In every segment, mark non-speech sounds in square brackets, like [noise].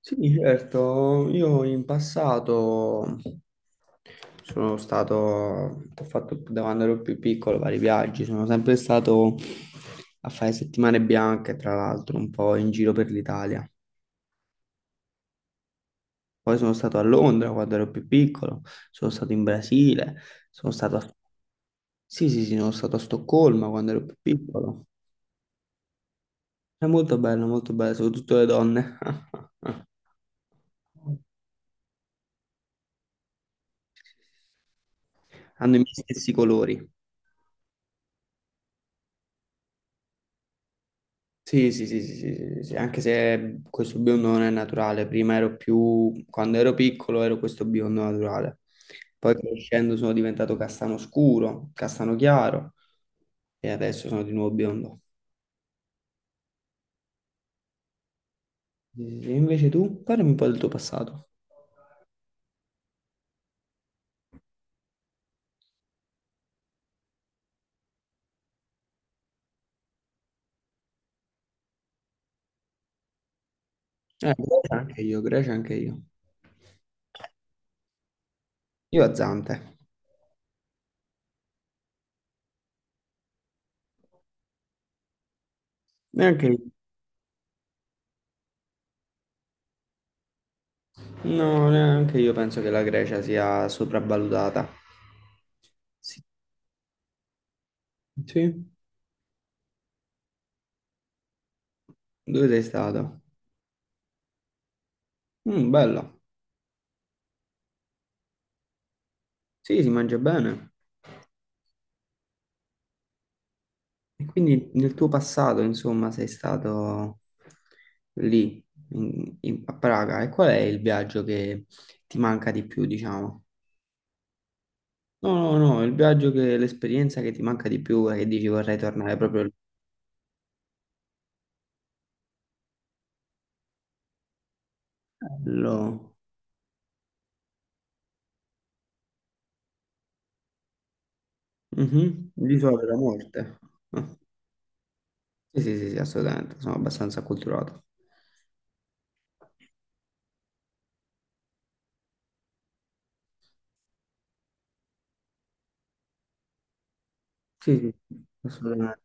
Sì, certo, io in passato ho fatto da quando ero più piccolo vari viaggi, sono sempre stato a fare settimane bianche, tra l'altro, un po' in giro per l'Italia. Poi sono stato a Londra quando ero più piccolo, sono stato in Brasile, sono stato a... Sì, sì, sì, sono stato a Stoccolma quando ero più piccolo. È molto bello, soprattutto le donne. [laughs] Hanno i miei stessi colori. Sì, sì, sì, sì, sì, sì, sì, sì, anche se questo biondo non è naturale, prima ero più, quando ero piccolo ero questo biondo naturale, poi crescendo sono diventato castano scuro, castano chiaro e adesso sono di nuovo biondo. Sì, sì, sì. Invece tu, parlami un po' del tuo passato. Grecia anche io, Grecia anche io. Io a Zante, neanche io. No, neanche io penso che la Grecia sia sopravvalutata. Sì. Sì? Dove sei stato? Bello. Sì, si mangia bene. E quindi nel tuo passato, insomma, sei stato lì, a Praga. E qual è il viaggio che ti manca di più, diciamo? No, no, no, l'esperienza che ti manca di più e che dici vorrei tornare proprio lì. Bello. Mhm. L'isola della morte. Ah. Sì, sì, sì, sì, assolutamente, sono abbastanza acculturato. Sì, sì, assolutamente.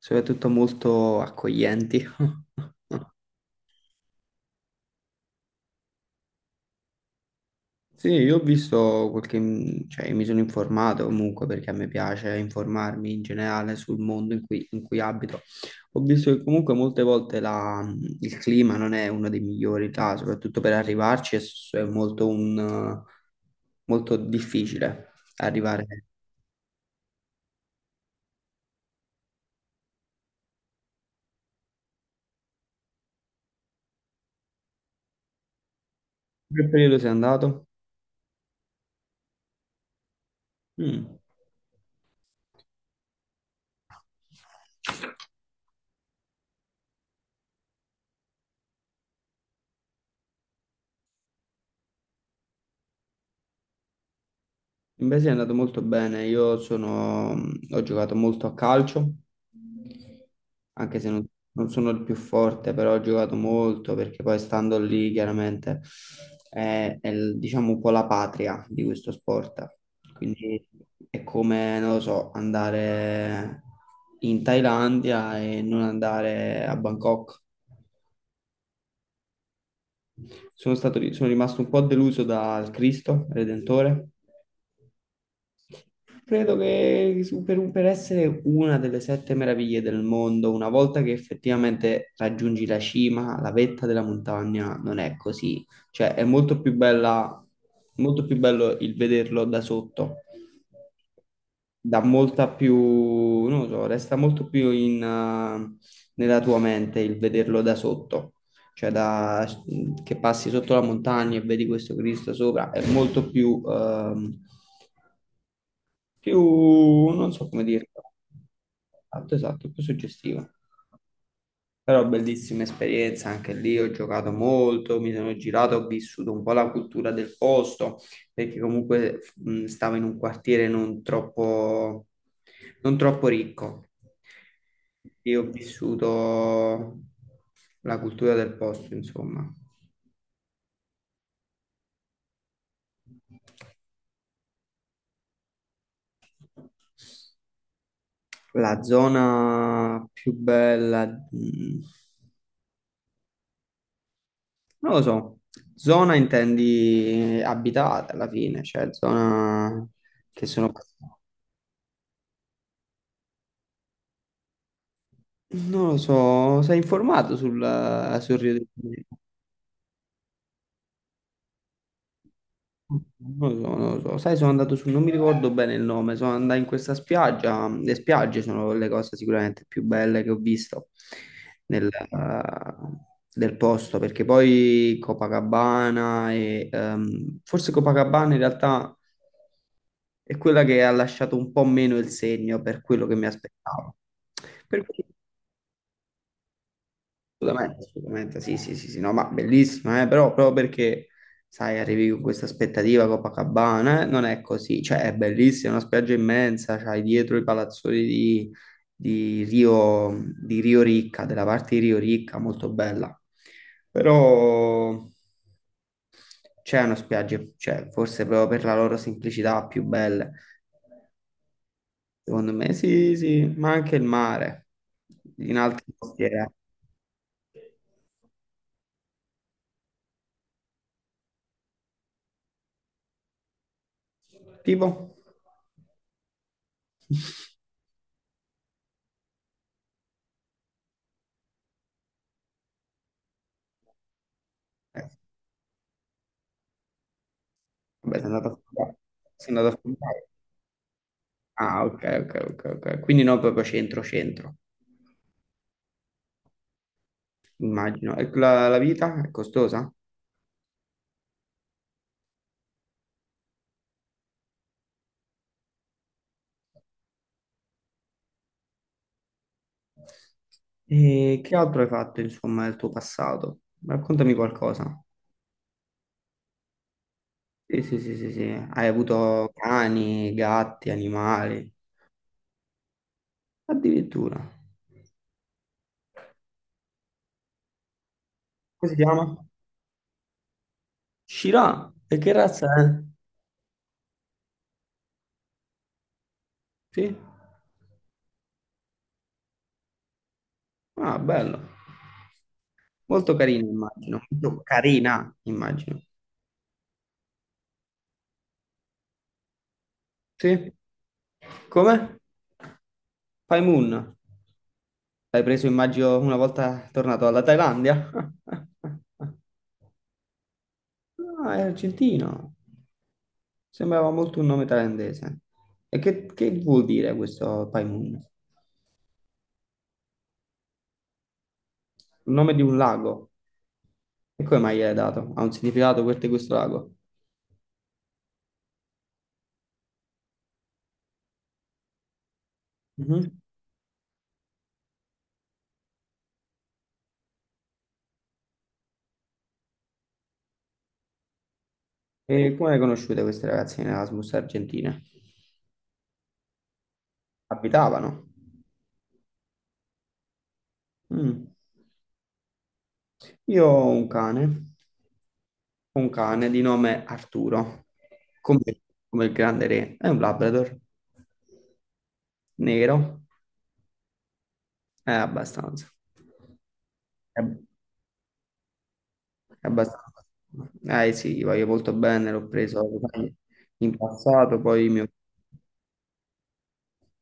Soprattutto molto accoglienti. [laughs] Sì, io ho visto cioè mi sono informato comunque perché a me piace informarmi in generale sul mondo in cui abito. Ho visto che comunque molte volte il clima non è uno dei migliori là, soprattutto per arrivarci è molto difficile arrivare. In che periodo sei andato? Mm. Invece è andato molto bene, ho giocato molto a calcio, anche se non sono il più forte, però ho giocato molto perché poi stando lì chiaramente diciamo un po' la patria di questo sport, quindi è come, non lo so, andare in Thailandia e non andare a Bangkok. Sono rimasto un po' deluso dal Cristo Redentore. Credo che per essere una delle sette meraviglie del mondo, una volta che effettivamente raggiungi la cima, la vetta della montagna, non è così. Cioè, è molto più bella, molto più bello il vederlo da sotto, dà molta più, non lo so, resta molto più nella tua mente il vederlo da sotto. Cioè, che passi sotto la montagna e vedi questo Cristo sopra, è molto più, non so come dire, esatto, esatto, più suggestivo. Però bellissima esperienza, anche lì ho giocato molto, mi sono girato, ho vissuto un po' la cultura del posto, perché comunque stavo in un quartiere non troppo, non troppo ricco. Io ho vissuto la cultura del posto, insomma. La zona più bella, mh, Non lo so, zona intendi abitata alla fine, cioè zona che sono... Non lo so, sei informato sul Rio de Janeiro? Non lo so, non lo so. Sai, sono andato su, non mi ricordo bene il nome, sono andato in questa spiaggia. Le spiagge sono le cose sicuramente più belle che ho visto nel, eh, del posto, perché poi Copacabana e forse Copacabana in realtà è quella che ha lasciato un po' meno il segno per quello che mi aspettavo. Per cui, assolutamente, assolutamente, sì, sì, sì, sì, no, ma bellissima, però proprio perché, sai, arrivi con questa aspettativa Copacabana, non è così, cioè è bellissima, è una spiaggia immensa, c'hai dietro i palazzoni di Rio, di Rio Ricca, della parte di Rio Ricca, molto bella, però c'è una spiaggia, cioè, forse proprio per la loro semplicità più belle, secondo me, sì, sì, ma anche il mare, in altri posti, eh. Tipo... [laughs] Vabbè, sei andato a fondare. Sei andato a fondare. Ah, ok, ok, ok, ok. Quindi no, proprio centro, centro, immagino. E la vita è costosa? E che altro hai fatto, insomma, nel tuo passato? Raccontami qualcosa. Sì, sì, sì, sì, sì. Hai avuto cani, gatti, animali, addirittura. Come si chiama? Shira. E che razza è? Sì? Ah, bello. Molto carina, immagino. Molto carina, immagino. Sì? Come? Paimon. L'hai preso, immagino, una volta tornato dalla Thailandia? [laughs] Ah, è argentino. Sembrava molto un nome thailandese. E che vuol dire questo Pai Mun? Il nome di un lago. E come mai gliel'hai dato? Ha un significato per te questo lago? Mhm. E come le conosciute queste ragazze in Erasmus Argentina? Abitavano? Mm. Io ho un cane di nome Arturo, come, come il grande re, è un Labrador, nero. Abbastanza. Eh, abbastanza. Eh sì, gli voglio molto bene, l'ho preso in passato, poi mi ho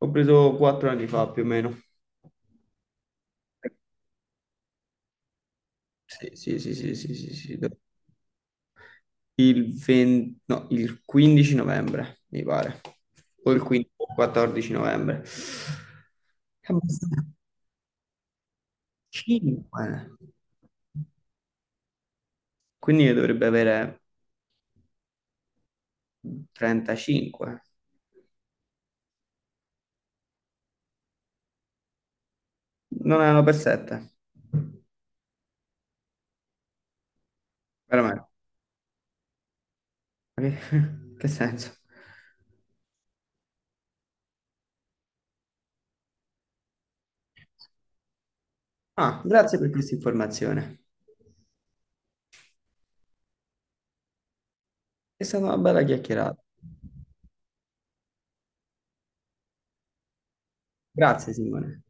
ho preso 4 anni fa più o meno. Sì, sì, sì, sì, sì, sì, sì. Il 20 no, il 15 novembre, mi pare. O il 15 o il 14 novembre. È abbastanza. 5. Quindi ne dovrebbe avere 35. Non erano per 7. Veramente. Che [laughs] che senso? Ah, grazie per questa informazione. È stata una bella chiacchierata. Grazie, Simone.